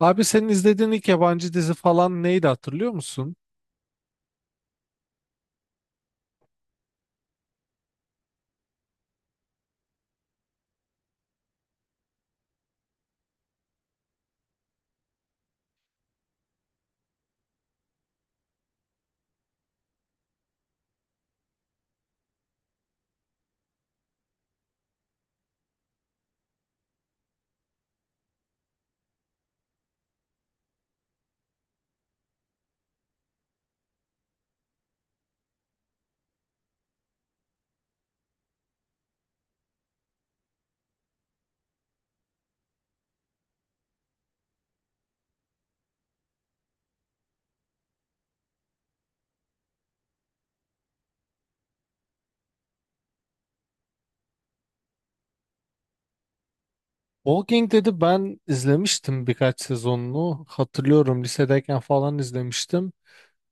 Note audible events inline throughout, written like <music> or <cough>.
Abi senin izlediğin ilk yabancı dizi falan neydi hatırlıyor musun? Walking dedi ben izlemiştim birkaç sezonunu. Hatırlıyorum lisedeyken falan izlemiştim.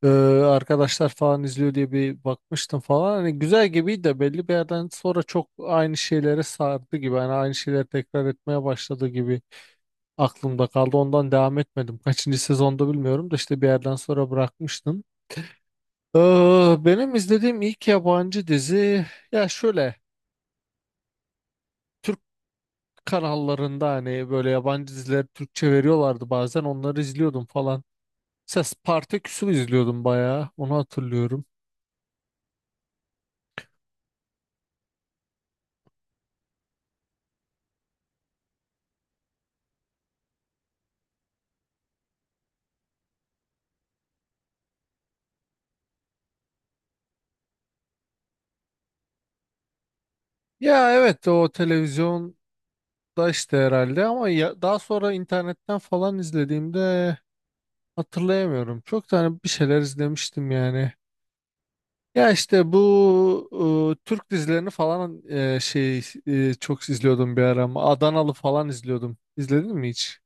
Ee, arkadaşlar falan izliyor diye bir bakmıştım falan. Hani güzel gibiydi de belli bir yerden sonra çok aynı şeylere sardı gibi. Hani aynı şeyleri tekrar etmeye başladı gibi aklımda kaldı. Ondan devam etmedim. Kaçıncı sezonda bilmiyorum da işte bir yerden sonra bırakmıştım. Ee, benim izlediğim ilk yabancı dizi ya şöyle. Kanallarında hani böyle yabancı diziler Türkçe veriyorlardı bazen onları izliyordum falan. Mesela Spartaküs'ü izliyordum bayağı onu hatırlıyorum. Ya evet o televizyonda işte herhalde ama ya, daha sonra internetten falan izlediğimde hatırlayamıyorum. Çok tane bir şeyler izlemiştim yani. Ya işte bu Türk dizilerini falan şey çok izliyordum bir ara ama Adanalı falan izliyordum. İzledin mi hiç?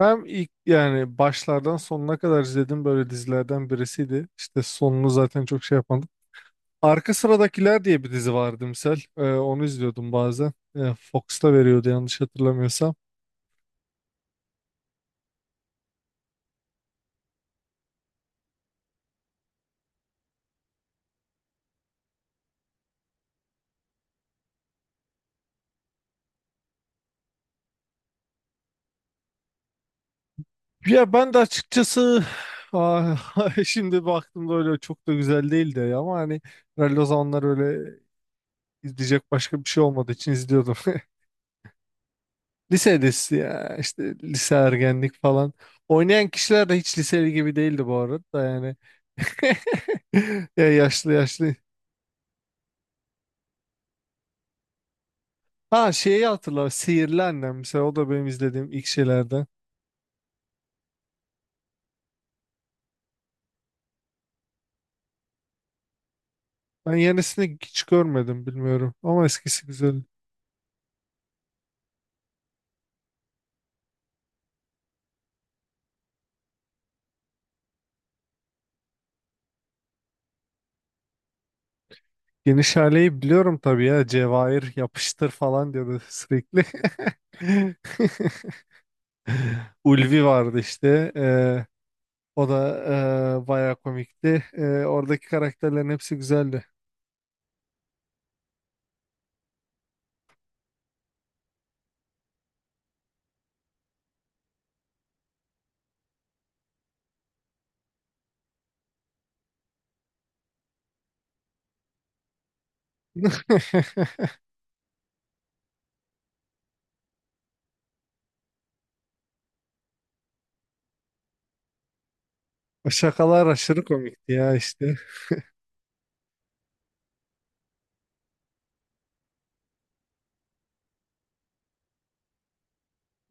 Ben ilk yani başlardan sonuna kadar izledim böyle dizilerden birisiydi. İşte sonunu zaten çok şey yapmadım. Arka Sıradakiler diye bir dizi vardı misal. Onu izliyordum bazen. Fox'ta veriyordu yanlış hatırlamıyorsam. Ya ben de açıkçası <sighs> ah, <laughs> şimdi baktığımda öyle çok da güzel değildi ya ama hani herhalde o zamanlar öyle izleyecek başka bir şey olmadığı için izliyordum. <laughs> Lise dizisi ya işte lise ergenlik falan. Oynayan kişiler de hiç liseli gibi değildi bu arada da yani. <laughs> Ya yaşlı yaşlı. Ha şeyi hatırla Sihirli Annem mesela o da benim izlediğim ilk şeylerden. Ben yenisini hiç görmedim bilmiyorum ama eskisi güzel. Geniş aileyi biliyorum tabii ya. Cevahir yapıştır falan diyordu sürekli. <laughs> Ulvi vardı işte. O da bayağı komikti. Oradaki karakterlerin hepsi güzeldi. <laughs> O şakalar aşırı komikti ya işte.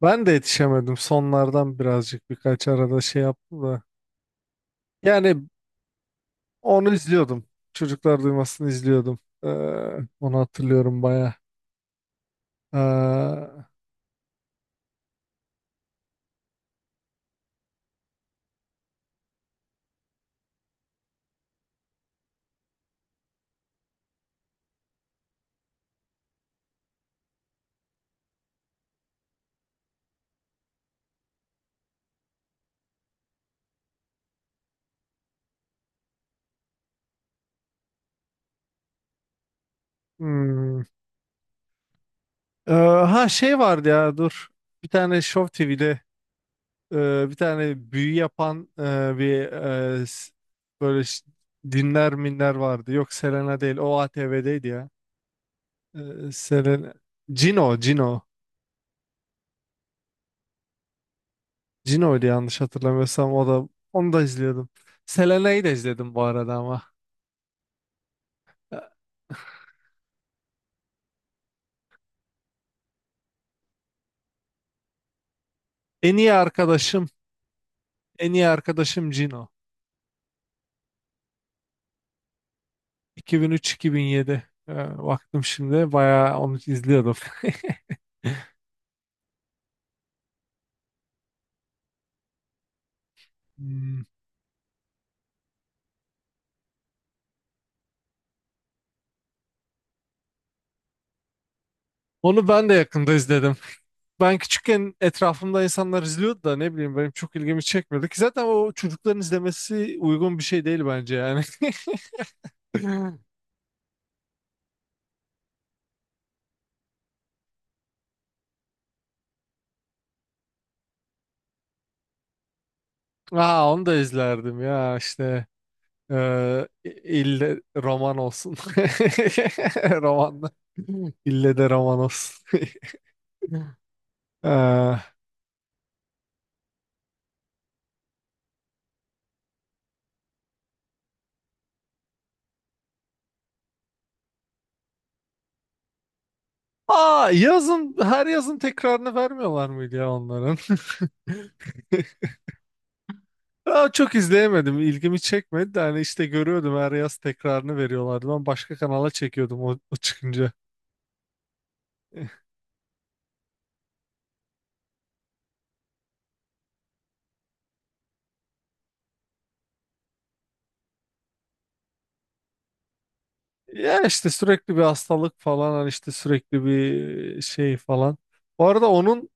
Ben de yetişemedim. Sonlardan birazcık birkaç arada şey yaptım da. Yani onu izliyordum. Çocuklar Duymasını izliyordum. Onu hatırlıyorum bayağı. Ee, hmm, ha şey vardı ya dur. Bir tane Show TV'de bir tane büyü yapan bir e, s- böyle dinler minler vardı. Yok Selena değil. O ATV'deydi ya. Selena. Cino, Cino. Cino'ydu yanlış hatırlamıyorsam o da onu da izliyordum. Selena'yı da izledim bu arada ama. E, En iyi arkadaşım, en iyi arkadaşım Cino. 2003-2007. Baktım şimdi bayağı onu izliyordum. <laughs> Hmm. Onu ben de yakında izledim. Ben küçükken etrafımda insanlar izliyordu da ne bileyim benim çok ilgimi çekmedi ki zaten o çocukların izlemesi uygun bir şey değil bence yani. <laughs> Aa onu da izlerdim ya işte eee ille roman olsun. <laughs> Romanla. İlle de roman olsun. <laughs> Eee, Aa yazın her yazın tekrarını vermiyorlar mıydı ya onların? <laughs> Aa, çok izleyemedim. İlgimi çekmedi de hani işte görüyordum her yaz tekrarını veriyorlardı. Ben başka kanala çekiyordum o çıkınca. <laughs> Ya işte sürekli bir hastalık falan hani işte sürekli bir şey falan. Bu arada onun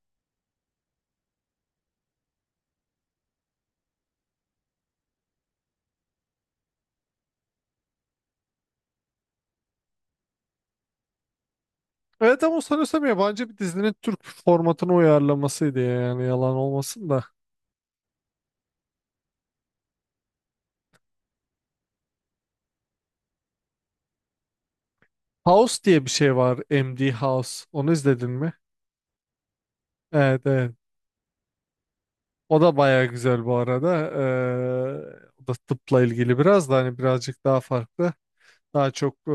evet ama sanıyorsam yabancı bir dizinin Türk formatına uyarlamasıydı ya, yani yalan olmasın da. House diye bir şey var MD House. Onu izledin mi? Evet, evet. O da baya güzel bu arada. O da tıpla ilgili biraz da hani birazcık daha farklı. Daha çok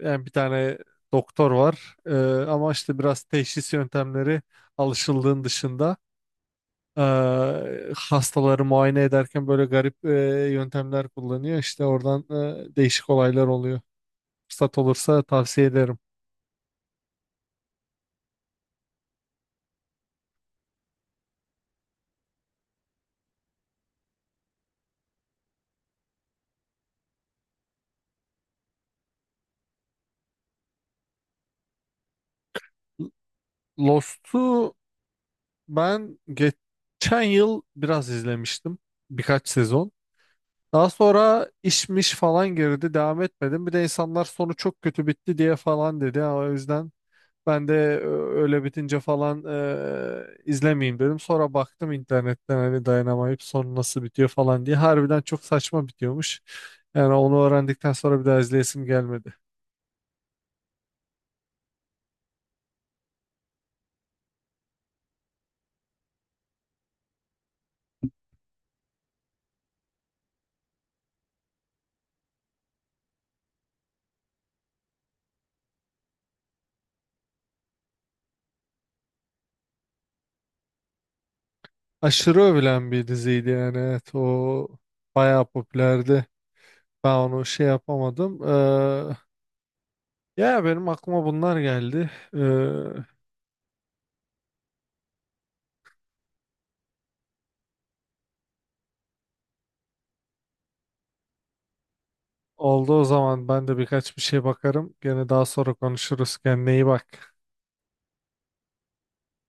yani bir tane doktor var ama işte biraz teşhis yöntemleri alışıldığın dışında e, hastaları muayene ederken böyle garip yöntemler kullanıyor. İşte oradan değişik olaylar oluyor. Fırsat olursa tavsiye ederim. Lost'u ben geçen yıl biraz izlemiştim. Birkaç sezon. Daha sonra işmiş falan girdi. Devam etmedim. Bir de insanlar sonu çok kötü bitti diye falan dedi. Ha, o yüzden ben de öyle bitince falan izlemeyeyim dedim. Sonra baktım internetten hani dayanamayıp sonu nasıl bitiyor falan diye. Harbiden çok saçma bitiyormuş. Yani onu öğrendikten sonra bir daha izleyesim gelmedi. Aşırı övülen bir diziydi yani. Evet o bayağı popülerdi. Ben onu şey yapamadım. Ya benim aklıma bunlar geldi. E, Oldu o zaman ben de birkaç bir şey bakarım. Gene daha sonra konuşuruz. Kendine iyi bak.